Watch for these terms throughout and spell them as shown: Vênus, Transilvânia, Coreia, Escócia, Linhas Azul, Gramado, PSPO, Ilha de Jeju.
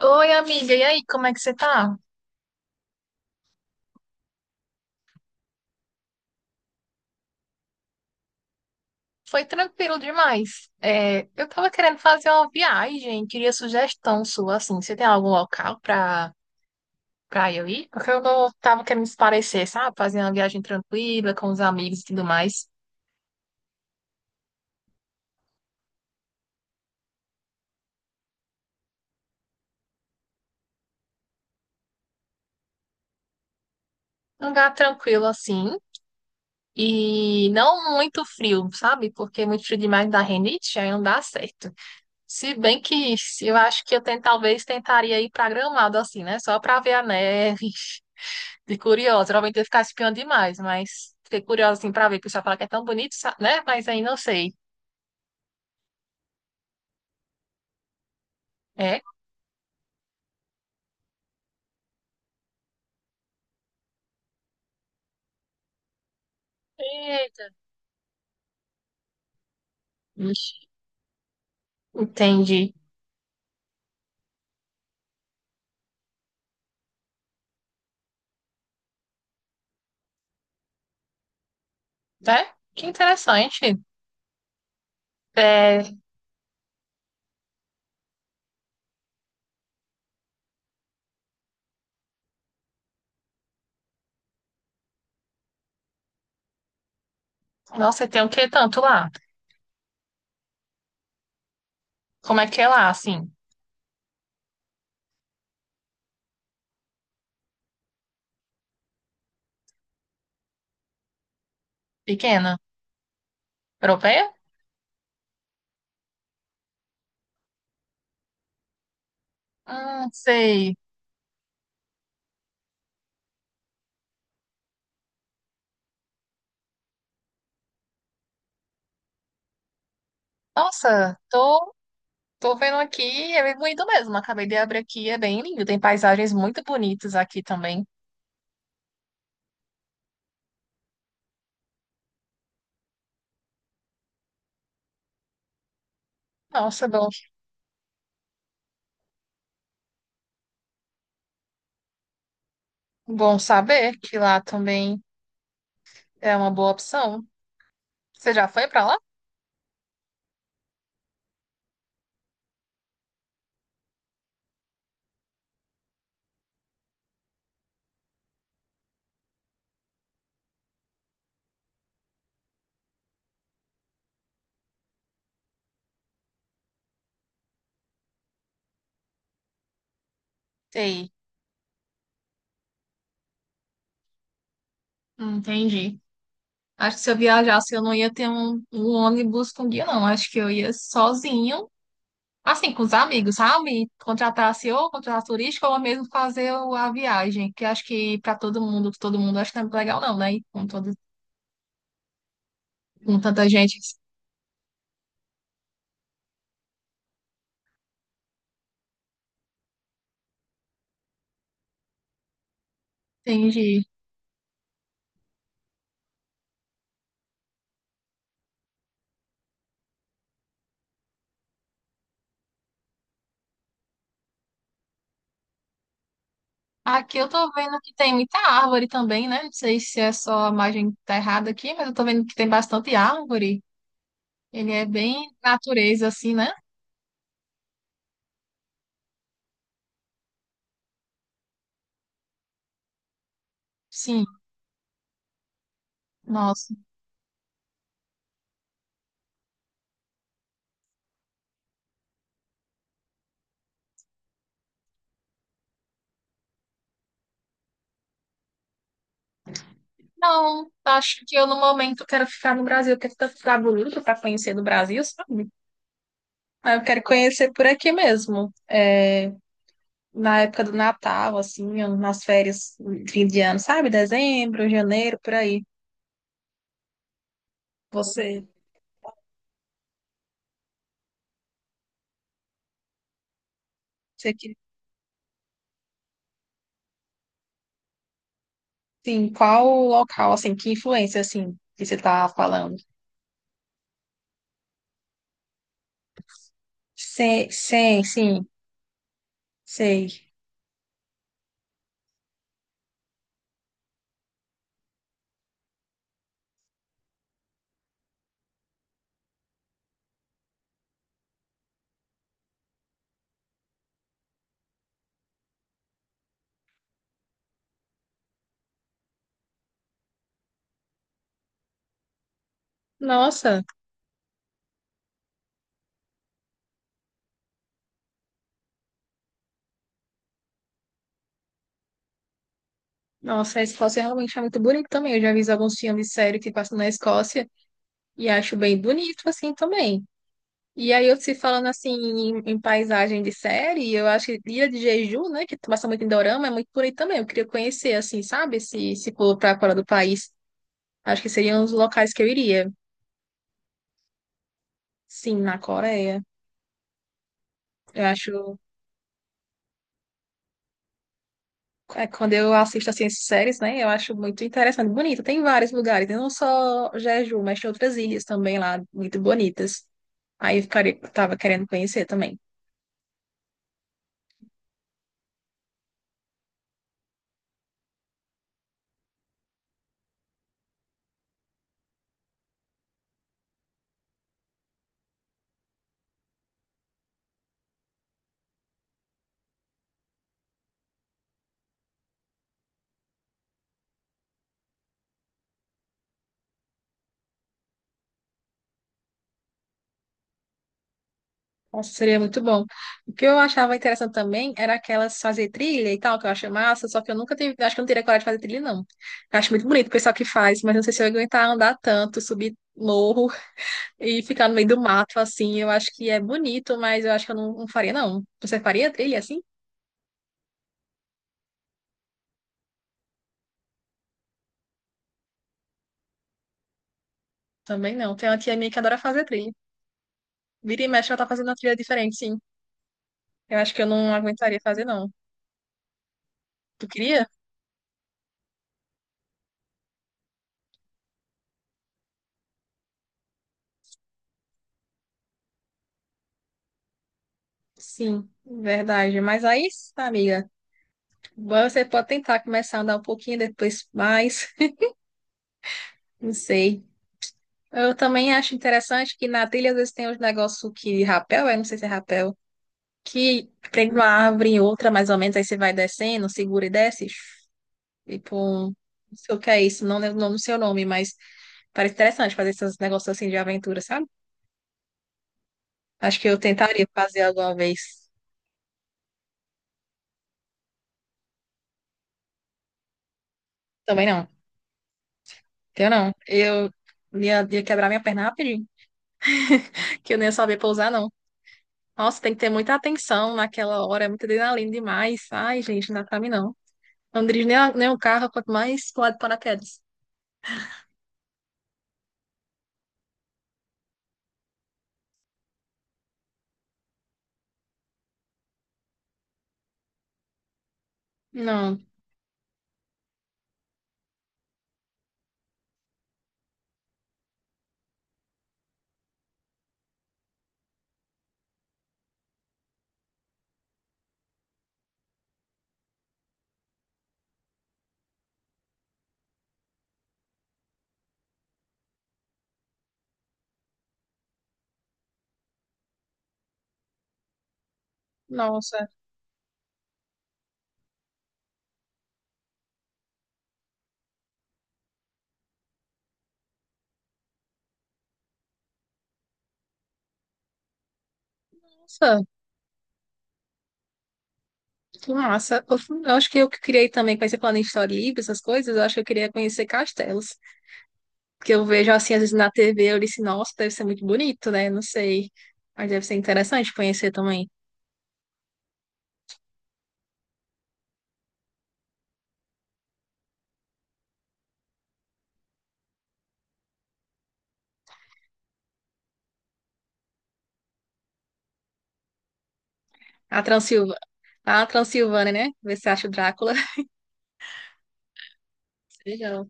Oi, amiga, e aí, como é que você tá? Foi tranquilo demais. Eu tava querendo fazer uma viagem, queria sugestão sua, assim, você tem algum local pra eu ir? Porque eu não tava querendo esparecer, sabe? Fazer uma viagem tranquila, com os amigos e tudo mais. Um lugar tranquilo, assim, e não muito frio, sabe? Porque é muito frio demais dá renite, aí não dá certo. Se bem que eu acho que eu ten- talvez tentaria ir pra Gramado, assim, né? Só pra ver a neve. De curiosa. Geralmente eu ficava espiando demais, mas fiquei curiosa assim pra ver, porque o pessoal fala que é tão bonito, né? Mas aí não sei. É? Eita. Ixi, entendi. É? Que interessante. É... Nossa, tem o que tanto lá? Como é que é lá, assim? Pequena? Europeia? Sei. Nossa, tô, tô vendo aqui, é bem bonito mesmo. Acabei de abrir aqui, é bem lindo. Tem paisagens muito bonitas aqui também. Nossa, bom, bom saber que lá também é uma boa opção. Você já foi pra lá? Sei. Entendi. Acho que se eu viajasse, eu não ia ter um ônibus com guia, não. Acho que eu ia sozinho, assim, com os amigos, sabe? Contratasse ou contratasse turístico ou mesmo fazer a viagem, que acho que para todo mundo acho que não é muito legal, não, né? E com todo, com tanta gente. Entendi. Aqui eu tô vendo que tem muita árvore também, né? Não sei se é só a imagem que tá errada aqui, mas eu tô vendo que tem bastante árvore. Ele é bem natureza, assim, né? Sim. Nossa. Não, acho que eu no momento quero ficar no Brasil, quero tanto ficar bonito para conhecer do Brasil, sabe? Mas eu quero conhecer por aqui mesmo. É, na época do Natal, assim, nas férias de fim de ano, sabe? Dezembro, janeiro, por aí. Você, você que, sim, qual local, assim, que influência, assim, que você tá falando? Sim, sei. Nossa, nossa, a Escócia realmente é muito bonita também. Eu já vi alguns filmes sérios que passam na Escócia e acho bem bonito, assim, também. E aí, eu se falando assim em paisagem de série, eu acho que Ilha de Jeju, né, que passa muito em dorama, é muito por aí também. Eu queria conhecer, assim, sabe? Se for para fora do país, acho que seriam os locais que eu iria. Sim, na Coreia. Eu acho. É, quando eu assisto assim, essas séries, né, eu acho muito interessante, bonito. Tem vários lugares, né, não só Jeju, mas tem outras ilhas também lá, muito bonitas. Aí eu ficaria, tava querendo conhecer também. Nossa, seria muito bom. O que eu achava interessante também era aquelas fazer trilha e tal, que eu acho massa, só que eu nunca tive, acho que eu não teria coragem de fazer trilha, não. Eu acho muito bonito o pessoal que faz, mas não sei se eu ia aguentar andar tanto, subir morro e ficar no meio do mato, assim. Eu acho que é bonito, mas eu acho que eu não, não faria, não. Você faria trilha assim? Também não. Tem uma tia minha que adora fazer trilha. Vira e mexe, ela tá fazendo uma trilha diferente, sim. Eu acho que eu não aguentaria fazer, não. Tu queria? Sim, verdade. Mas aí, amiga. Você pode tentar começar a andar um pouquinho, depois mais, não sei. Eu também acho interessante que na trilha às vezes tem uns negócios que rapel, é, não sei se é rapel, que prende uma árvore em outra, mais ou menos, aí você vai descendo, segura e desce, tipo, não sei o que é isso, não lembro o nome do seu nome, mas parece interessante fazer esses negócios assim de aventura, sabe? Acho que eu tentaria fazer alguma vez. Também não, eu não. Eu ia quebrar minha perna rapidinho, que eu nem ia saber pousar, não. Nossa, tem que ter muita atenção naquela hora, é muita adrenalina demais. Ai, gente, não dá pra mim não. Eu não dirijo nem, nem o carro, quanto mais pular de paraquedas. Não. Nossa. Nossa, que massa. Eu acho que eu que criei também, conhecer plano de história livre, essas coisas, eu acho que eu queria conhecer castelos. Porque eu vejo assim, às vezes na TV, eu disse, nossa, deve ser muito bonito, né? Não sei. Mas deve ser interessante conhecer também. A Transilva, a Transilvânia, né? Ver se acha o Drácula. Legal.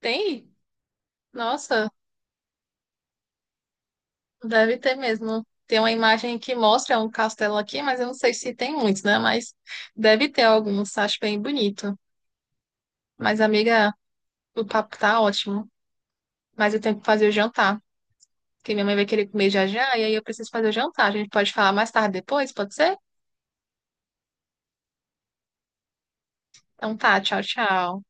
Tem? Nossa, deve ter mesmo. Tem uma imagem que mostra um castelo aqui, mas eu não sei se tem muitos, né? Mas deve ter alguns, acho bem bonito. Mas, amiga, o papo tá ótimo. Mas eu tenho que fazer o jantar, porque minha mãe vai querer comer já já, e aí eu preciso fazer o jantar. A gente pode falar mais tarde depois, pode ser? Então tá, tchau, tchau.